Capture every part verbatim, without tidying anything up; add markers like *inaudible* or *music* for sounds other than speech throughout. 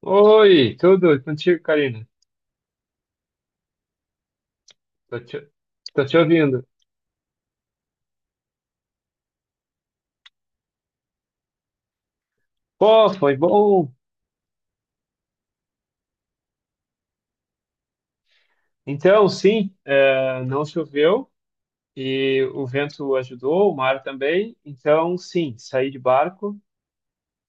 Oi, tudo e contigo, Karina? Tô te, Tô te ouvindo. Pô, foi bom. Então, sim, eh, não choveu e o vento ajudou, o mar também. Então, sim, saí de barco.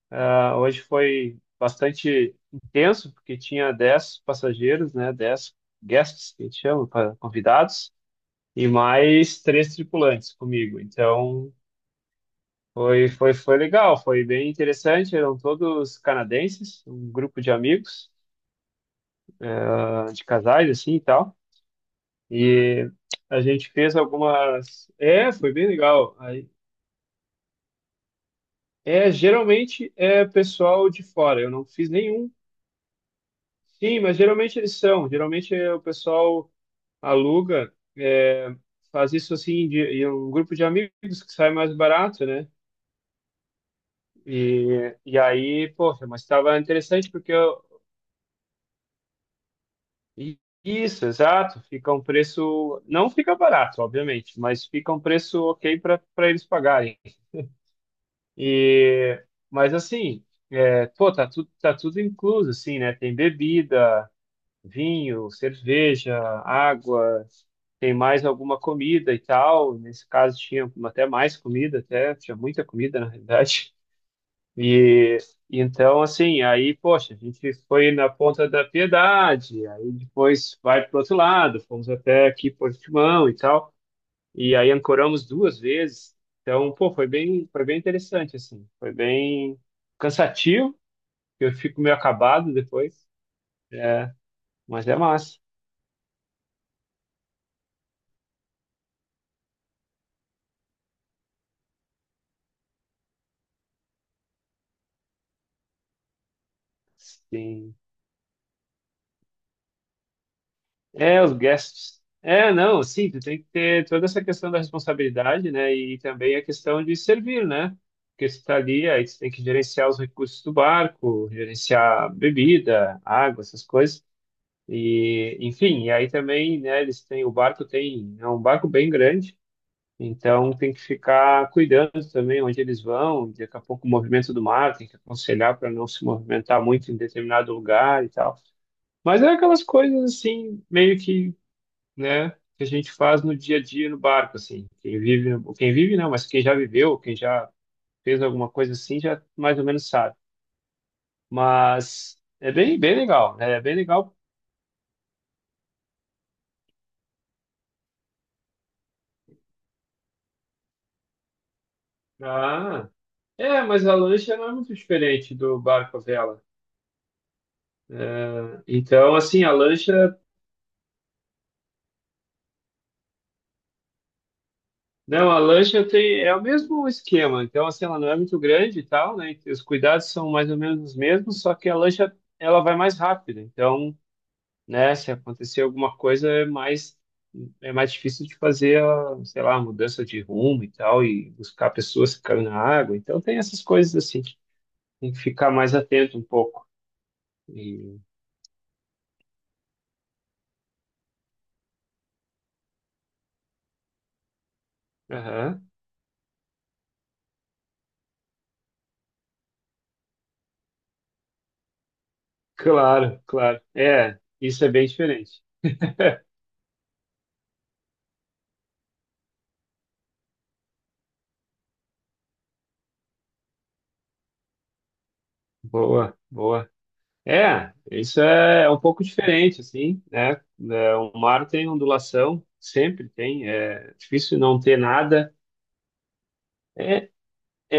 Ah, hoje foi bastante intenso, porque tinha dez passageiros, né? Dez guests, que a gente chama, pa- convidados, e mais três tripulantes comigo. Então, foi, foi, foi legal, foi bem interessante. Eram todos canadenses, um grupo de amigos. Ah, de casais, assim e tal. E a gente fez algumas. É, foi bem legal. Aí, é, geralmente é pessoal de fora, eu não fiz nenhum. Sim, mas geralmente eles são. Geralmente é, o pessoal aluga, é, faz isso assim, de, em um grupo de amigos que sai mais barato, né? E, e aí, poxa, mas estava interessante porque eu. i- Isso, exato. Fica um preço. Não fica barato, obviamente, mas fica um preço ok para para eles pagarem. E, mas assim, é, pô, tá tudo, tá tudo incluso, assim, né? Tem bebida, vinho, cerveja, água, tem mais alguma comida e tal. Nesse caso tinha até mais comida, até tinha muita comida, na realidade. E então, assim, aí, poxa, a gente foi na Ponta da Piedade, aí depois vai pro outro lado, fomos até aqui Portimão e tal. E aí ancoramos duas vezes. Então, pô, foi bem, foi bem interessante, assim. Foi bem cansativo, eu fico meio acabado depois. É, mas é massa. Sim. É, os guests. É, não, sim, tu tem que ter toda essa questão da responsabilidade, né? E também a questão de servir, né? Porque você tá ali, aí você tem que gerenciar os recursos do barco, gerenciar bebida, água, essas coisas. E, enfim, e aí também, né, eles têm, o barco tem, é um barco bem grande. Então, tem que ficar cuidando também onde eles vão. Daqui a pouco, o movimento do mar, tem que aconselhar para não se movimentar muito em determinado lugar e tal. Mas é aquelas coisas assim, meio que, né, que a gente faz no dia a dia no barco, assim. Quem vive, no- quem vive não, mas quem já viveu, quem já fez alguma coisa assim, já mais ou menos sabe. Mas é bem, bem legal, né? É bem legal. Ah, é, mas a lancha não é muito diferente do barco à vela. É, então, assim, a lancha Não, a lancha tem, é o mesmo esquema, então assim, ela não é muito grande e tal, né? Os cuidados são mais ou menos os mesmos, só que a lancha ela vai mais rápido, então, né, se acontecer alguma coisa é mais é mais difícil de fazer a, sei lá, a mudança de rumo e tal, e buscar pessoas que caem na água, então tem essas coisas assim, tem que ficar mais atento um pouco. E, aham, claro, claro, é, isso é bem diferente. Boa, boa. É, isso é é um pouco diferente, assim, né? É, o mar tem ondulação, sempre tem, é difícil não ter nada. É, é,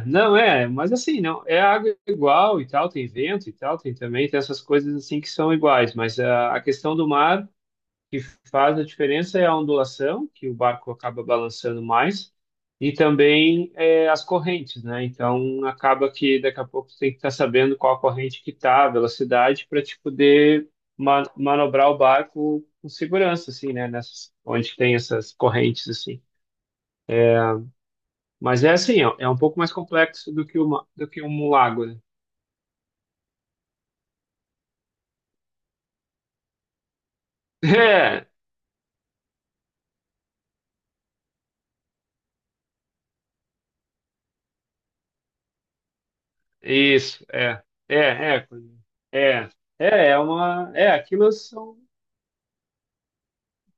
é, não é, mas assim, não, é água igual e tal, tem vento e tal, tem também, tem essas coisas assim que são iguais, mas a, a questão do mar que faz a diferença é a ondulação, que o barco acaba balançando mais, e também é, as correntes, né? Então, acaba que daqui a pouco você tem que estar sabendo qual a corrente que está, a velocidade, para te poder ma- manobrar o barco com segurança, assim, né? Nessas, onde tem essas correntes, assim. Mas é assim, ó, é um pouco mais complexo do que uma, do que um lago, né? *laughs* É, isso, é, é, é, é, é, é uma, é, aquilo são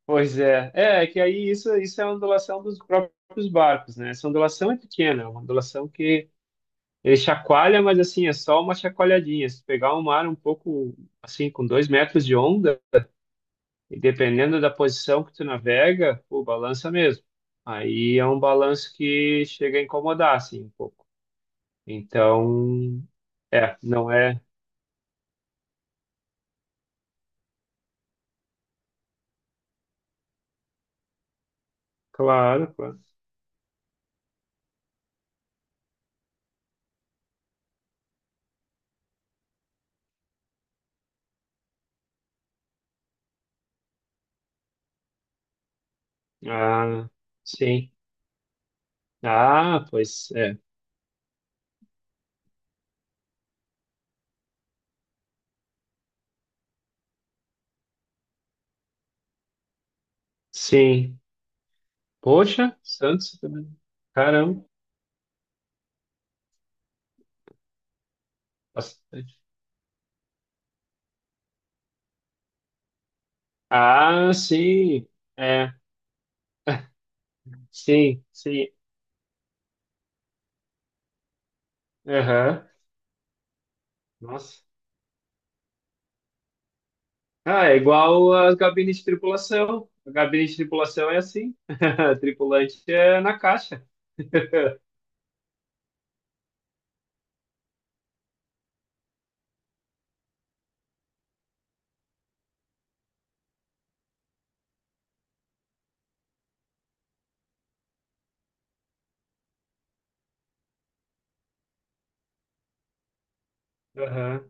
Pois é, é é que aí isso, isso é a ondulação dos próprios barcos, né? Essa ondulação é pequena, é uma ondulação que ele chacoalha, mas assim, é só uma chacoalhadinha. Se pegar um mar um pouco, assim, com dois metros de onda, e dependendo da posição que tu navega, pô balança mesmo. Aí é um balanço que chega a incomodar, assim, um pouco. Então, é, não é, claro, claro. Ah, sim. Ah, pois é. Sim, Poxa, Santos também. Caramba, bastante. Ah, sim. É, *laughs* sim, sim. Aham. Nossa. Ah, é igual as gabines de tripulação. A gabine de tripulação é assim. *laughs* Tripulante é na caixa. *laughs* Aham.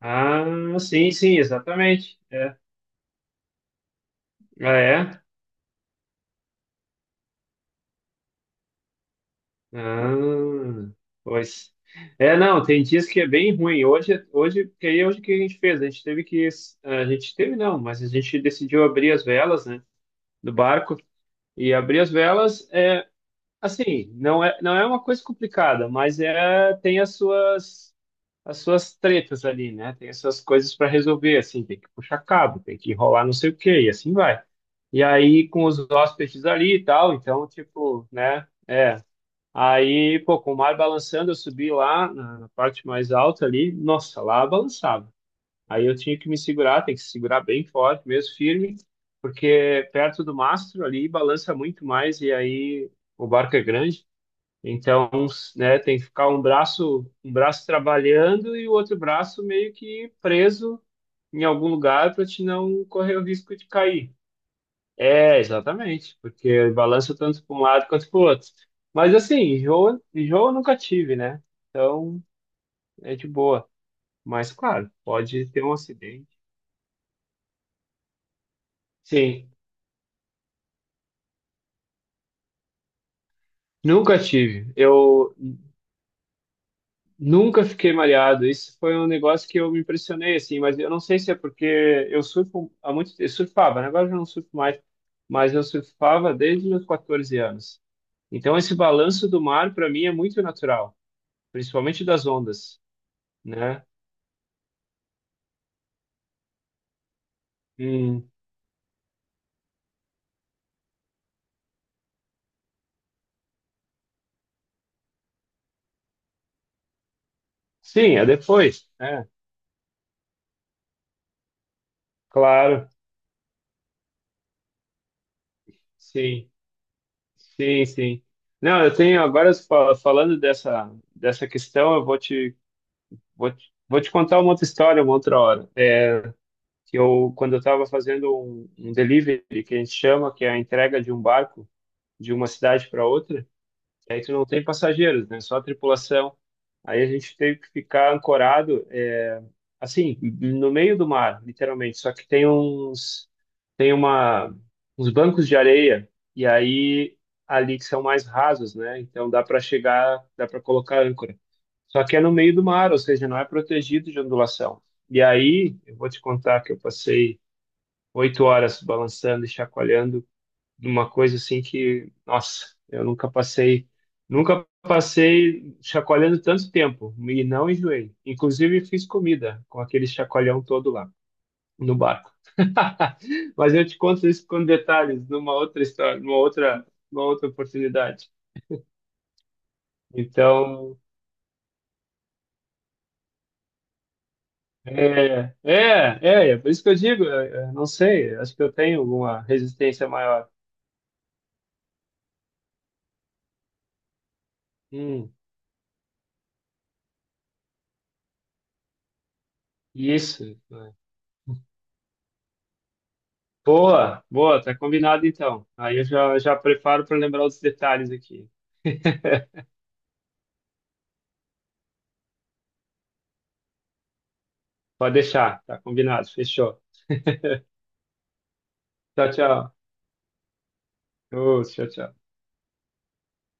Ah, sim, sim, exatamente. É. Ah, é? Ah, pois. É, não, tem dias que é bem ruim. Hoje, hoje, porque aí é hoje o que a gente fez? A gente teve que, a gente teve não, mas a gente decidiu abrir as velas, né, do barco. E abrir as velas é, assim, não é, não é uma coisa complicada, mas é, tem as suas, as suas tretas ali, né? Tem as suas coisas para resolver, assim, tem que puxar cabo, tem que enrolar não sei o quê, e assim vai. E aí com os hóspedes ali e tal, então, tipo, né? é, Aí, pô, com o mar balançando, eu subi lá na, na parte mais alta ali. Nossa, lá balançava. Aí eu tinha que me segurar, tem que se segurar bem forte, mesmo firme, porque perto do mastro ali balança muito mais e aí o barco é grande. Então, né, tem que ficar um braço, um braço trabalhando e o outro braço meio que preso em algum lugar para te não correr o risco de cair. É, exatamente, porque balança tanto para um lado quanto para o outro. Mas assim, enjoo, enjoo eu nunca tive, né? Então é de boa. Mas claro, pode ter um acidente. Sim, nunca tive. Eu nunca fiquei mareado. Isso foi um negócio que eu me impressionei, assim, mas eu não sei se é porque eu surfo há muito tempo. Eu surfava, né? Agora eu já não surfo mais, mas eu surfava desde os meus quatorze anos. Então esse balanço do mar, para mim, é muito natural, principalmente das ondas, né? Hum, Sim, é depois. É, claro. Sim, sim, sim. Não, eu tenho agora fa- falando dessa dessa questão, eu vou te vou te, vou te contar uma outra história, uma outra hora. É, que eu quando eu estava fazendo um, um delivery que a gente chama, que é a entrega de um barco de uma cidade para outra. E aí tu não tem passageiros, né? Só a tripulação. Aí a gente teve que ficar ancorado, é, assim, no meio do mar, literalmente. Só que tem uns, tem uma, uns bancos de areia e aí ali que são mais rasos, né? Então dá para chegar, dá para colocar âncora. Só que é no meio do mar, ou seja, não é protegido de ondulação. E aí, eu vou te contar que eu passei oito horas balançando e chacoalhando uma coisa assim que, nossa, eu nunca passei, nunca passei chacoalhando tanto tempo e não enjoei. Inclusive fiz comida com aquele chacoalhão todo lá no barco. *laughs* Mas eu te conto isso com detalhes numa outra história, numa outra, numa outra oportunidade. Então, é, é, é, é por isso que eu digo, é, é, não sei, acho que eu tenho alguma resistência maior. Hum, isso. Né? Boa, boa, tá combinado então. Aí eu já, já preparo para lembrar os detalhes aqui. *laughs* Pode deixar, tá combinado, fechou. *laughs* Tchau, tchau. Ô, tchau, tchau.